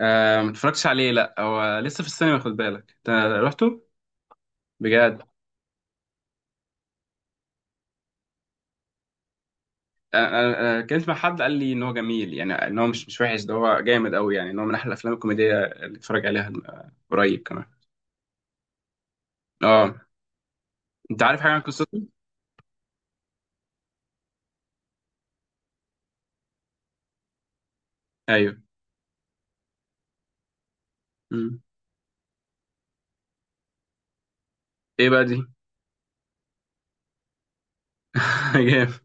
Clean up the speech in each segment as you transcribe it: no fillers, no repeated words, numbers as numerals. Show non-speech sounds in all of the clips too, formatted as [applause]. آه، ما اتفرجتش عليه. لا هو لسه في السينما، خد بالك انت. رحته بجد. انا انا أنا اتكلمت مع حد قال لي ان هو جميل، يعني ان هو مش وحش، ده هو جامد قوي. يعني ان هو من احلى الافلام الكوميديه اللي اتفرج عليها. قريب كمان. اه، انت عارف حاجه عن قصته؟ ايوه. مم. ايه بقى دي؟ [laughs] جامد.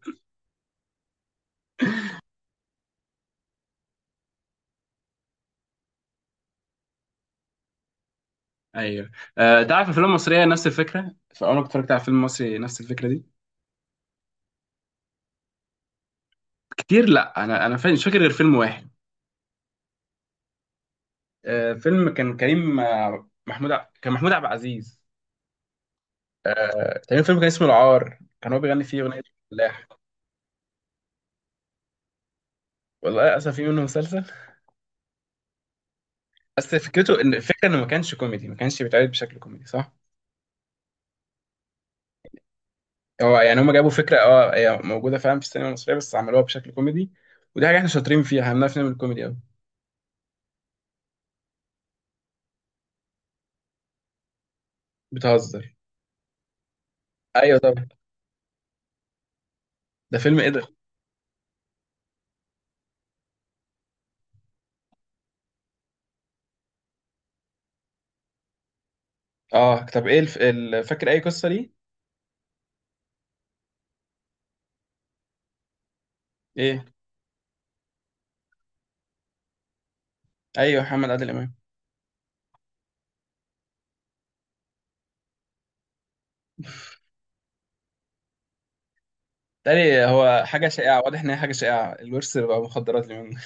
ايوه. انت عارف الافلام المصريه نفس الفكره؟ فعمرك اتفرجت على فيلم مصري نفس الفكره دي؟ كتير، لا مش فاكر غير فيلم واحد. فيلم كان كريم، كان محمود عبد العزيز. تقريبا فيلم كان اسمه العار، كان هو بيغني فيه اغنيه الفلاح. والله اسف، في منه مسلسل. بس فكرته ان الفكره انه ما كانش كوميدي، ما كانش بيتعرض بشكل كوميدي، صح. هو يعني هم جابوا فكره، اه هي موجوده فعلا في السينما المصريه، بس عملوها بشكل كوميدي. ودي حاجه احنا شاطرين فيها، احنا بنعرف نعمل كوميدي قوي. بتهزر؟ ايوه طبعا. ده فيلم ايه ده؟ اه طب ايه فاكر اي قصه ليه؟ ايه. ايوه محمد عادل امام. تاني، هو حاجه شائعه، واضح ان هي حاجه شائعه، الورث بقى مخدرات اليومين دول.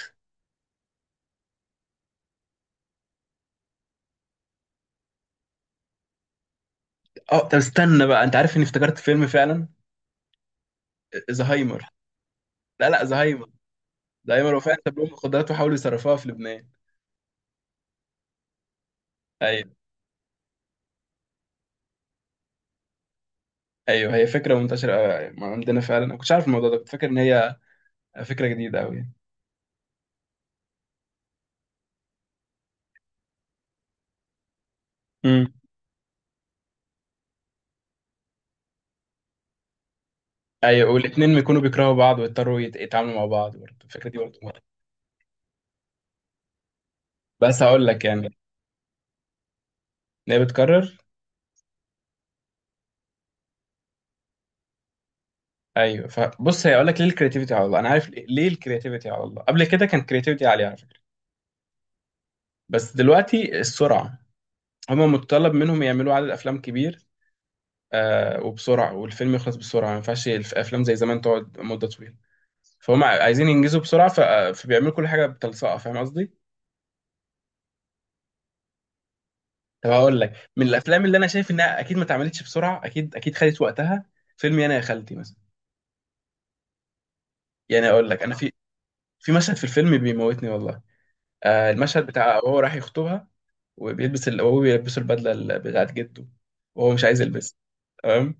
[laughs] اه، طب استنى بقى، انت عارف اني افتكرت فيلم فعلا. زهايمر. لا لا، زهايمر. زهايمر وفعلا ساب لهم القدرات وحاولوا يصرفوها في لبنان. ايوه ايوه، هي فكره منتشره أوي يعني ما عندنا فعلا، انا كنتش عارف الموضوع ده، كنت فاكر ان هي فكره جديده قوي. امم ايوه. والاثنين بيكونوا بيكرهوا بعض ويضطروا يتعاملوا مع بعض برضه، الفكره دي برضه مرة. بس هقول لك يعني ان هي بتكرر. ايوه، فبص هي اقول لك ليه الكرياتيفيتي على الله. انا عارف ليه ليه الكرياتيفيتي على الله. قبل كده كان كرياتيفيتي عاليه على فكره، بس دلوقتي السرعه. هما متطلب منهم يعملوا عدد افلام كبير، وبسرعه، والفيلم يخلص بسرعه، ما ينفعش الافلام زي زمان تقعد مده طويله. فهم عايزين ينجزوا بسرعه، فبيعملوا كل حاجه بتلصقه، فاهم قصدي؟ طب هقول لك، من الافلام اللي انا شايف انها اكيد ما اتعملتش بسرعه، اكيد اكيد خدت وقتها، فيلم انا يا خالتي مثلا. يعني اقول لك، انا في في مشهد في الفيلم بيموتني والله. المشهد بتاع وهو راح يخطبها، وهو بيلبسه البدله بتاعت جده وهو مش عايز يلبسها. تمام.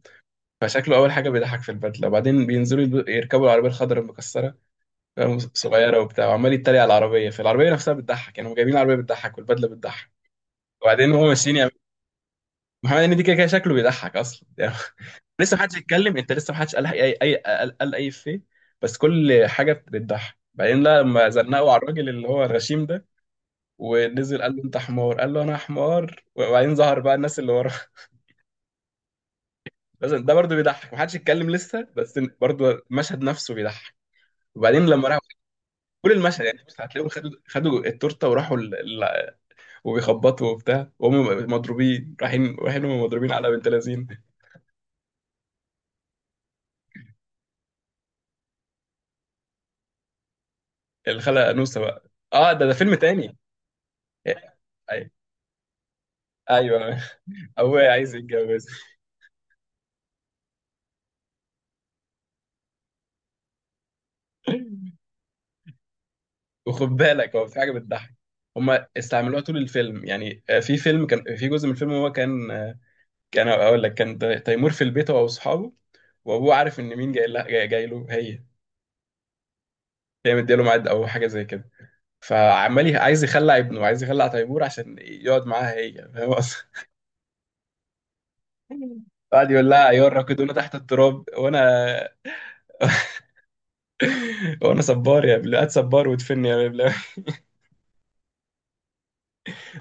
فشكله اول حاجه بيضحك في البدله، وبعدين بينزلوا يركبوا العربيه الخضراء المكسره، فاهم؟ صغيره وبتاع، وعمال يتريق على العربيه، فالعربيه نفسها بتضحك، يعني هم جايبين العربيه بتضحك والبدله بتضحك. وبعدين هو ماشيين. محمد هنيدي كده كده شكله بيضحك اصلا يعني. [laughs] لسه محدش يتكلم، انت لسه محدش قال اي اي قال قال اي فيه. بس كل حاجه بتضحك. بعدين لا لما زنقوا على الراجل اللي هو الغشيم ده ونزل، قال له انت حمار، قال له انا حمار، وبعدين ظهر بقى الناس اللي وراه. [laughs] بس ده برضه بيضحك، محدش يتكلم لسه، بس برضه المشهد نفسه بيضحك. وبعدين لما راحوا، كل المشهد يعني، بس هتلاقيهم خدوا التورته وراحوا ال... وبيخبطوا وبتاع، وهم مضروبين، رايحين هم مضروبين على بنت لذين. الخالة انوسه بقى، اه ده ده فيلم تاني. أي- ايوه. [laughs] ابويا عايز يتجوز. [laughs] وخد بالك هو في حاجه بتضحك، هما استعملوها طول الفيلم يعني. في فيلم كان في جزء من الفيلم هو كان، كان اقول لك كان تيمور في البيت هو واصحابه، وابوه عارف ان مين جاي لها جاي له هي. هي مديله ميعاد او حاجه زي كده. فعمال عايز يخلع ابنه، عايز يخلع تيمور عشان يقعد معاها هي، فاهم قصدي؟ قعد يقول لها يا راكدونا تحت التراب وانا، [laughs] وانا صبار يا بلاد، صبار وادفني يا بلاد.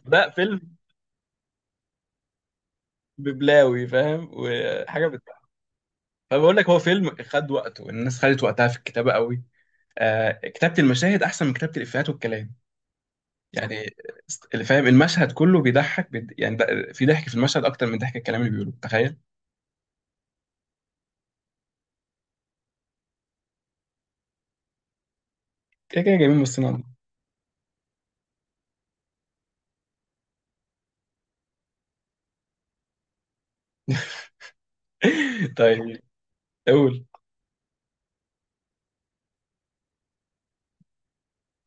ده فيلم ببلاوي فاهم، فبقول لك هو فيلم خد وقته، الناس خدت وقتها في الكتابه قوي. كتابه المشاهد احسن من كتابه الافيهات والكلام يعني. اللي فاهم المشهد كله بيضحك يعني في ضحك في المشهد اكتر من ضحك الكلام اللي بيقوله، تخيل. كده كده جايبين من الصناعه. [laughs] دي. طيب، قول.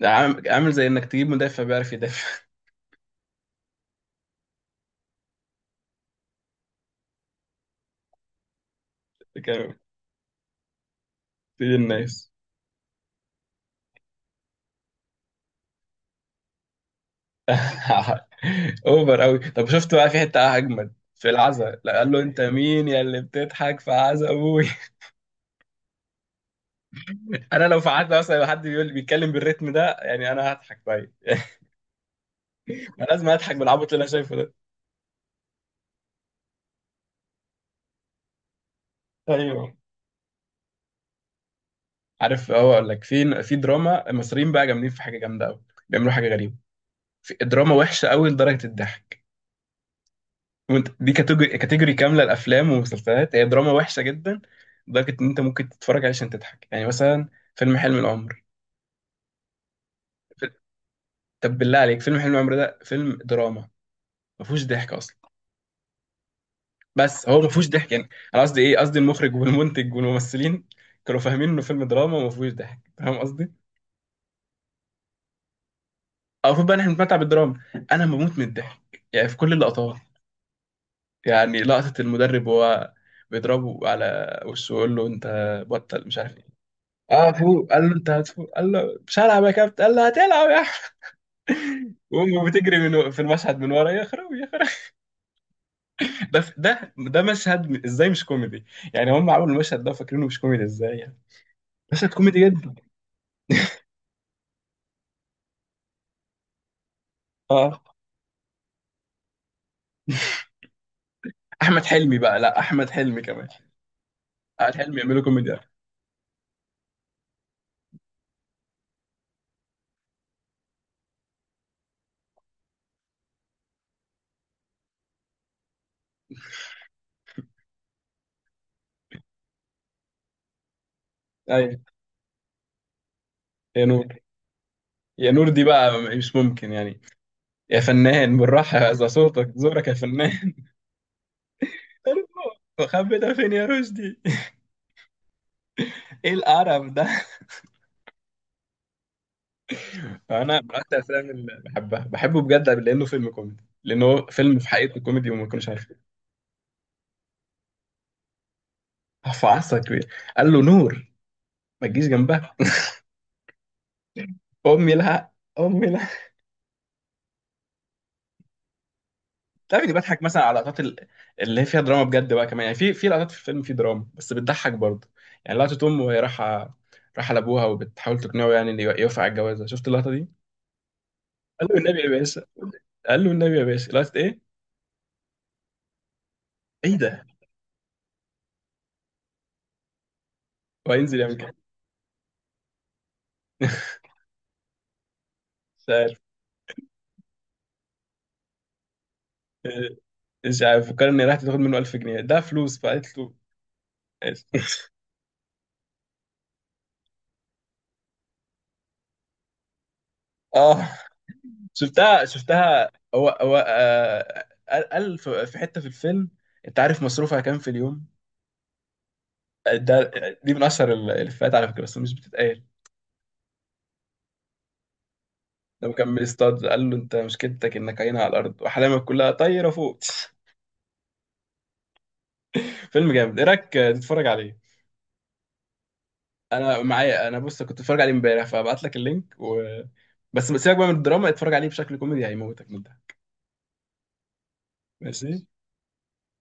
عامل زي انك تجيب مدافع بيعرف يدافع. [laughs] كمان. تجيب الناس. [laughs] اوفر قوي. طب شفت بقى في حته اجمد في العزا، لا قال له انت مين يا اللي بتضحك في عزا ابوي. انا لو في عدى مثلا، لو حد بيقول بيتكلم بالريتم ده يعني انا هضحك، طيب. [laughs] انا لازم اضحك بالعبط اللي انا شايفه ده. ايوه. عارف، هو اقول لك، في في دراما المصريين بقى جامدين في حاجه جامده قوي، بيعملوا حاجه غريبه. في دراما وحشه قوي لدرجه الضحك، وانت دي كاتيجوري كاتيجوري كامله، الافلام والمسلسلات هي دراما وحشه جدا، لدرجه ان انت ممكن تتفرج عليه عشان تضحك. يعني مثلا فيلم حلم العمر. ف- طب بالله عليك، فيلم حلم العمر ده فيلم دراما، ما فيهوش ضحك اصلا. بس هو ما فيهوش ضحك، يعني انا قصدي ايه، قصدي المخرج والمنتج والممثلين كانوا فاهمين انه فيلم دراما، وما فيهوش ضحك، فاهم قصدي. أو المفروض بقى احنا بنتمتع بالدراما. انا بموت من الضحك يعني في كل اللقطات. يعني لقطة المدرب وهو بيضربه على وشه ويقول له انت بطل مش عارف ايه. اه فوق، قال له انت هتفوق، قال له مش هلعب يا كابتن، قال له هتلعب يا احمد. وامه بتجري من في المشهد من ورا، يا خرابي يا خرابي. ده ده ده مشهد ازاي مش كوميدي؟ يعني هم عملوا المشهد ده فاكرينه مش كوميدي ازاي يعني؟ مشهد كوميدي جدا. اه احمد حلمي بقى، لا احمد حلمي كمان. احمد حلمي يعملوا كوميديا. ايوه. يا نور. يا نور دي بقى مش ممكن يعني. يا فنان بالراحه، ذا صوتك زورك يا فنان. [laughs] مخبي ده فين يا رشدي. [laughs] ايه القرف ده. انا من اكتر الافلام اللي بحبها، بحبه بجد لانه فيلم كوميدي، لانه هو فيلم في حقيقته كوميدي وما كناش عارفين. في عصا كبير، قال له نور ما تجيش جنبها. [laughs] امي لها، امي لها. تعرف اني بضحك مثلا على لقطات اللي هي فيها دراما بجد بقى كمان، يعني في في لقطات في الفيلم في دراما بس بتضحك برضه. يعني لقطة أم وهي رايحة، رايحة لأبوها وبتحاول تقنعه يعني إن يوافق على الجوازة، شفت اللقطة دي؟ قال له النبي يا باشا. قال له النبي يا باشا، لقطة إيه؟ إيه ده؟ وهينزل يعمل كده. [laughs] مش عارف. إيه، مش عارف، فكر إن راحت تاخد منه 1000 جنيه ده فلوس، فقالت له ماشي. [laughs] آه شفتها شفتها، هو هو قال قال في في حتة في الفيلم، أنت عارف مصروفها كام في اليوم؟ ده دي من اشهر الافيهات على فكره، بس مش بتتقال. لما كان بيصطاد، قال له انت مشكلتك انك عينها على الارض واحلامك كلها طايره فوق. [laughs] فيلم جامد، ايه رايك تتفرج عليه؟ انا معايا، انا بص كنت بتفرج عليه امبارح، فابعت لك اللينك بس سيبك بقى من الدراما، اتفرج عليه بشكل كوميدي هيموتك من ده. ماشي.